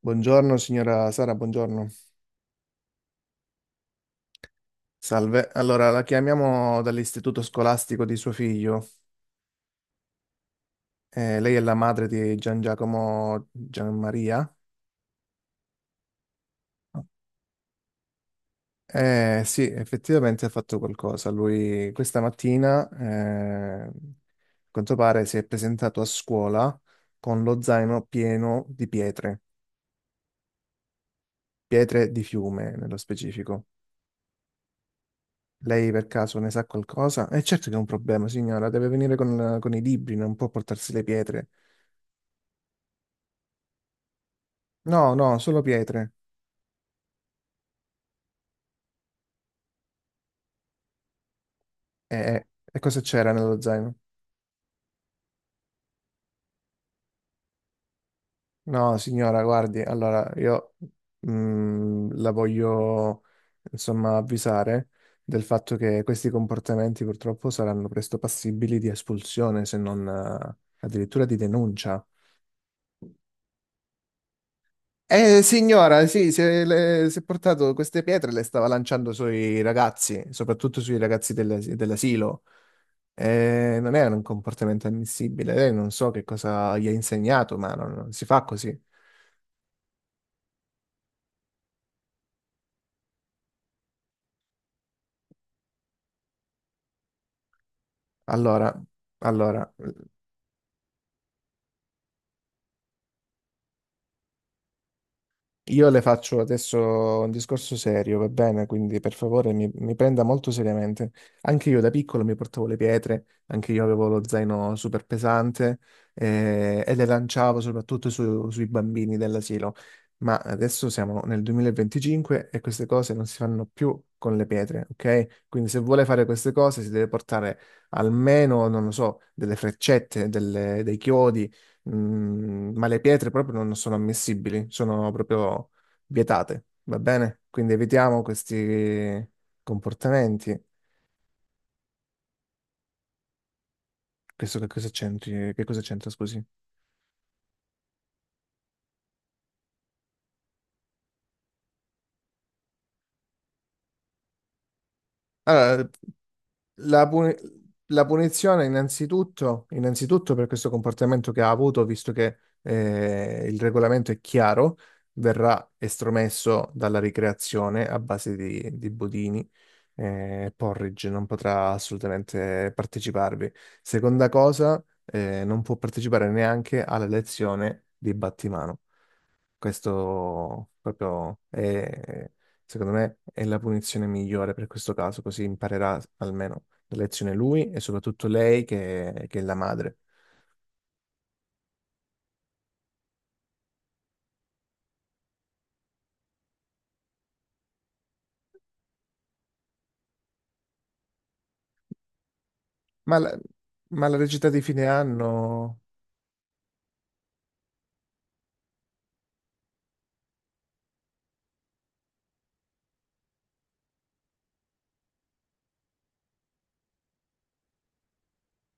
Buongiorno signora Sara, buongiorno. Salve. Allora, la chiamiamo dall'istituto scolastico di suo figlio. Lei è la madre di Gian Giacomo Gianmaria? Sì, effettivamente ha fatto qualcosa. Lui questa mattina, a quanto pare, si è presentato a scuola con lo zaino pieno di pietre, pietre di fiume nello specifico. Lei per caso ne sa qualcosa? Certo che è un problema, signora, deve venire con i libri, non può portarsi le pietre. No, no, solo pietre. E, e- e cosa c'era nello zaino? No, signora, guardi, allora io la voglio insomma avvisare del fatto che questi comportamenti purtroppo saranno presto passibili di espulsione, se non addirittura di denuncia. Signora, sì, si è portato queste pietre, e le stava lanciando sui ragazzi, soprattutto sui ragazzi dell'asilo. Non è un comportamento ammissibile. Lei non so che cosa gli ha insegnato, ma non si fa così. Allora, allora, Io le faccio adesso un discorso serio, va bene? Quindi per favore mi prenda molto seriamente. Anche io da piccolo mi portavo le pietre, anche io avevo lo zaino super pesante e le lanciavo soprattutto sui bambini dell'asilo. Ma adesso siamo nel 2025 e queste cose non si fanno più con le pietre, ok? Quindi se vuole fare queste cose si deve portare almeno, non lo so, delle freccette, dei chiodi. Mm, ma le pietre proprio non sono ammissibili, sono proprio vietate, va bene? Quindi evitiamo questi comportamenti. Questo che cosa c'entri? Che cosa c'entra, scusi? Allora, La, puni- la punizione innanzitutto, innanzitutto per questo comportamento che ha avuto, visto che il regolamento è chiaro, verrà estromesso dalla ricreazione a base di budini. Eh, Porridge non potrà assolutamente parteciparvi. Seconda cosa, non può partecipare neanche alla lezione di battimano. Questo proprio è, secondo me, è la punizione migliore per questo caso, così imparerà almeno la lezione lui e soprattutto lei che è la madre. Ma la, ma la recita di fine anno.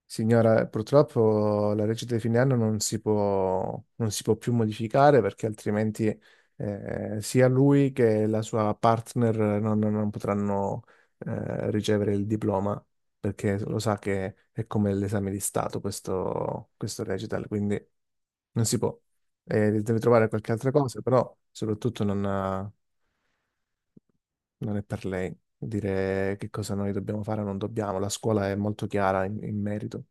Signora, purtroppo la legge di fine anno non si può più modificare perché altrimenti sia lui che la sua partner non potranno ricevere il diploma perché lo sa che è come l'esame di Stato questo, questo recital, quindi non si può. Deve trovare qualche altra cosa, però soprattutto non è per lei dire che cosa noi dobbiamo fare o non dobbiamo. La scuola è molto chiara in merito.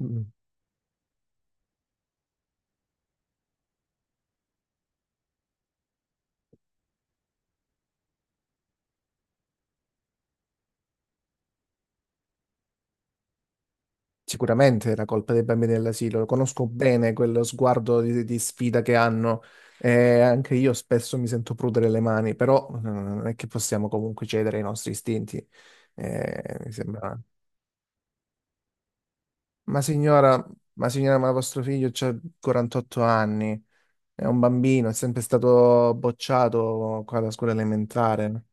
Mm. Sicuramente è la colpa dei bambini dell'asilo, lo conosco bene quello sguardo di sfida che hanno e anche io spesso mi sento prudere le mani, però non è che possiamo comunque cedere ai nostri istinti. Mi sembra... Ma signora, ma signora, ma vostro figlio ha 48 anni, è un bambino, è sempre stato bocciato qua alla scuola elementare, no?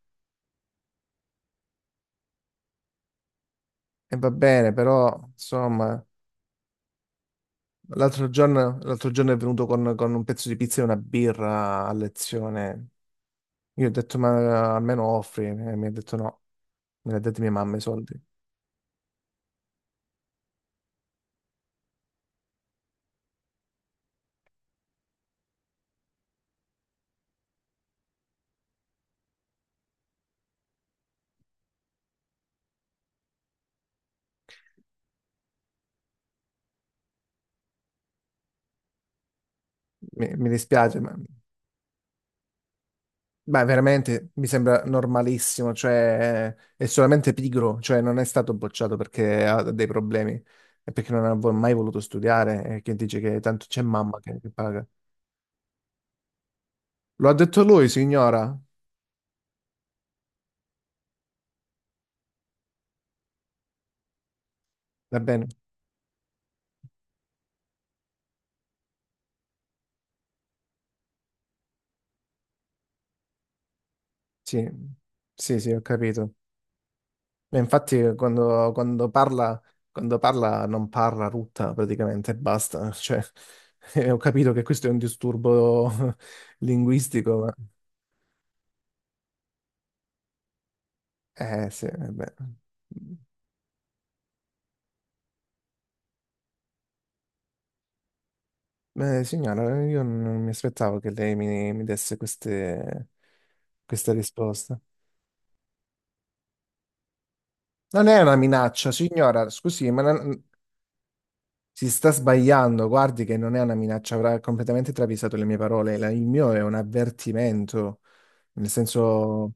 E va bene, però insomma, l'altro giorno è venuto con un pezzo di pizza e una birra a lezione. Io ho detto, ma almeno offri, e mi ha detto no, me l'ha detto mia mamma i soldi. Mi dispiace, ma veramente mi sembra normalissimo, cioè è solamente pigro, cioè non è stato bocciato perché ha dei problemi, è perché non ha mai voluto studiare e che dice che tanto c'è mamma che paga. Lo ha detto lui, signora. Va bene, sì, sì, sì, ho capito. Beh, infatti, quando parla, non parla rutta praticamente, e basta. Cioè, ho capito che questo è un disturbo linguistico, ma... Eh sì, eh beh. Beh, signora, io non mi aspettavo che lei mi desse queste, queste risposte. Non è una minaccia, signora, scusi, si sta sbagliando. Guardi che non è una minaccia, avrà completamente travisato le mie parole. Il mio è un avvertimento, nel senso...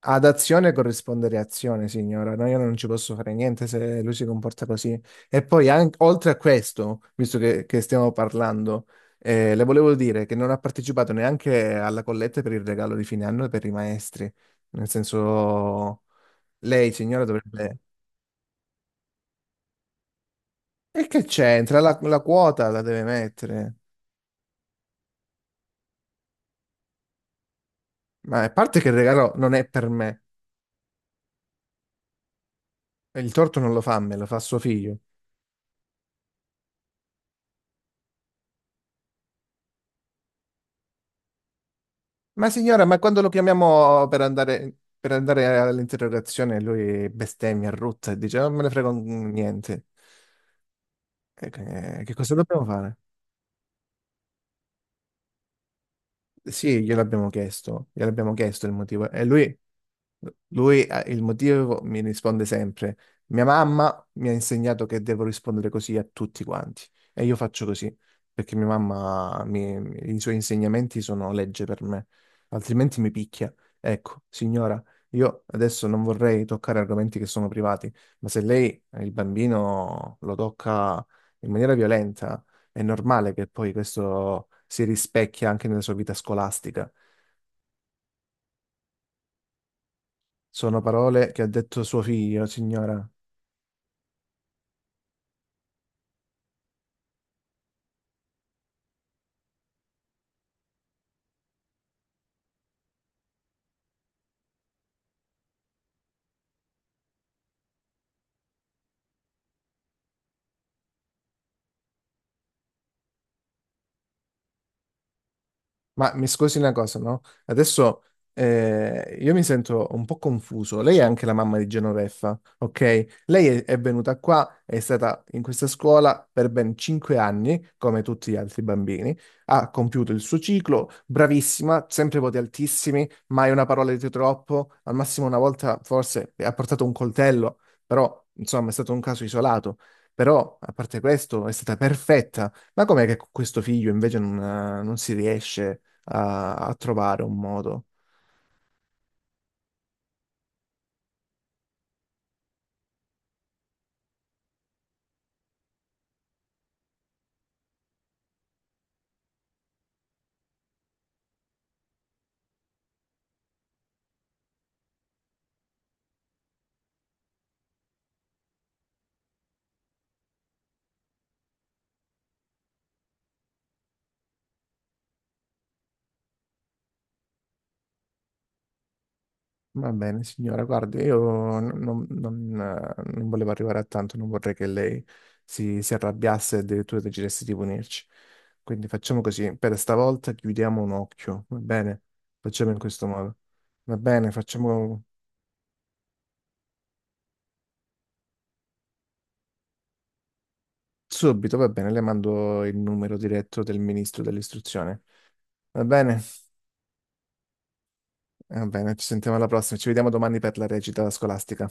Ad azione corrisponde reazione, signora. No, io non ci posso fare niente se lui si comporta così. E poi, anche, oltre a questo, visto che stiamo parlando, le volevo dire che non ha partecipato neanche alla colletta per il regalo di fine anno per i maestri. Nel senso, lei, signora, dovrebbe... E che c'entra? La quota la deve mettere. Ma a parte che il regalo non è per me, il torto non lo fa a me, lo fa a suo figlio. Ma signora, ma quando lo chiamiamo per andare all'interrogazione, lui bestemmia, rutta e dice: "Oh, non me ne frega niente." E che cosa dobbiamo fare? Sì, gliel'abbiamo chiesto il motivo. E lui. Lui, il motivo mi risponde sempre: mia mamma mi ha insegnato che devo rispondere così a tutti quanti e io faccio così perché i suoi insegnamenti sono legge per me, altrimenti mi picchia. Ecco, signora, io adesso non vorrei toccare argomenti che sono privati, ma se lei, il bambino, lo tocca in maniera violenta, è normale che poi questo si rispecchia anche nella sua vita scolastica. Sono parole che ha detto suo figlio, signora. Ma mi scusi una cosa, no? Adesso io mi sento un po' confuso. Lei è anche la mamma di Genoveffa, ok? È venuta qua, è stata in questa scuola per ben 5 anni, come tutti gli altri bambini. Ha compiuto il suo ciclo, bravissima, sempre voti altissimi, mai una parola di troppo. Al massimo una volta forse ha portato un coltello, però insomma è stato un caso isolato. Però, a parte questo, è stata perfetta. Ma com'è che con questo figlio invece non si riesce a trovare un modo. Va bene, signora, guardi, io non volevo arrivare a tanto, non vorrei che lei si arrabbiasse e addirittura decidesse di punirci. Quindi facciamo così, per stavolta chiudiamo un occhio, va bene? Facciamo in questo modo. Va bene, facciamo subito, va bene, le mando il numero diretto del ministro dell'istruzione. Va bene? Va bene, ci sentiamo alla prossima, ci vediamo domani per la recita scolastica.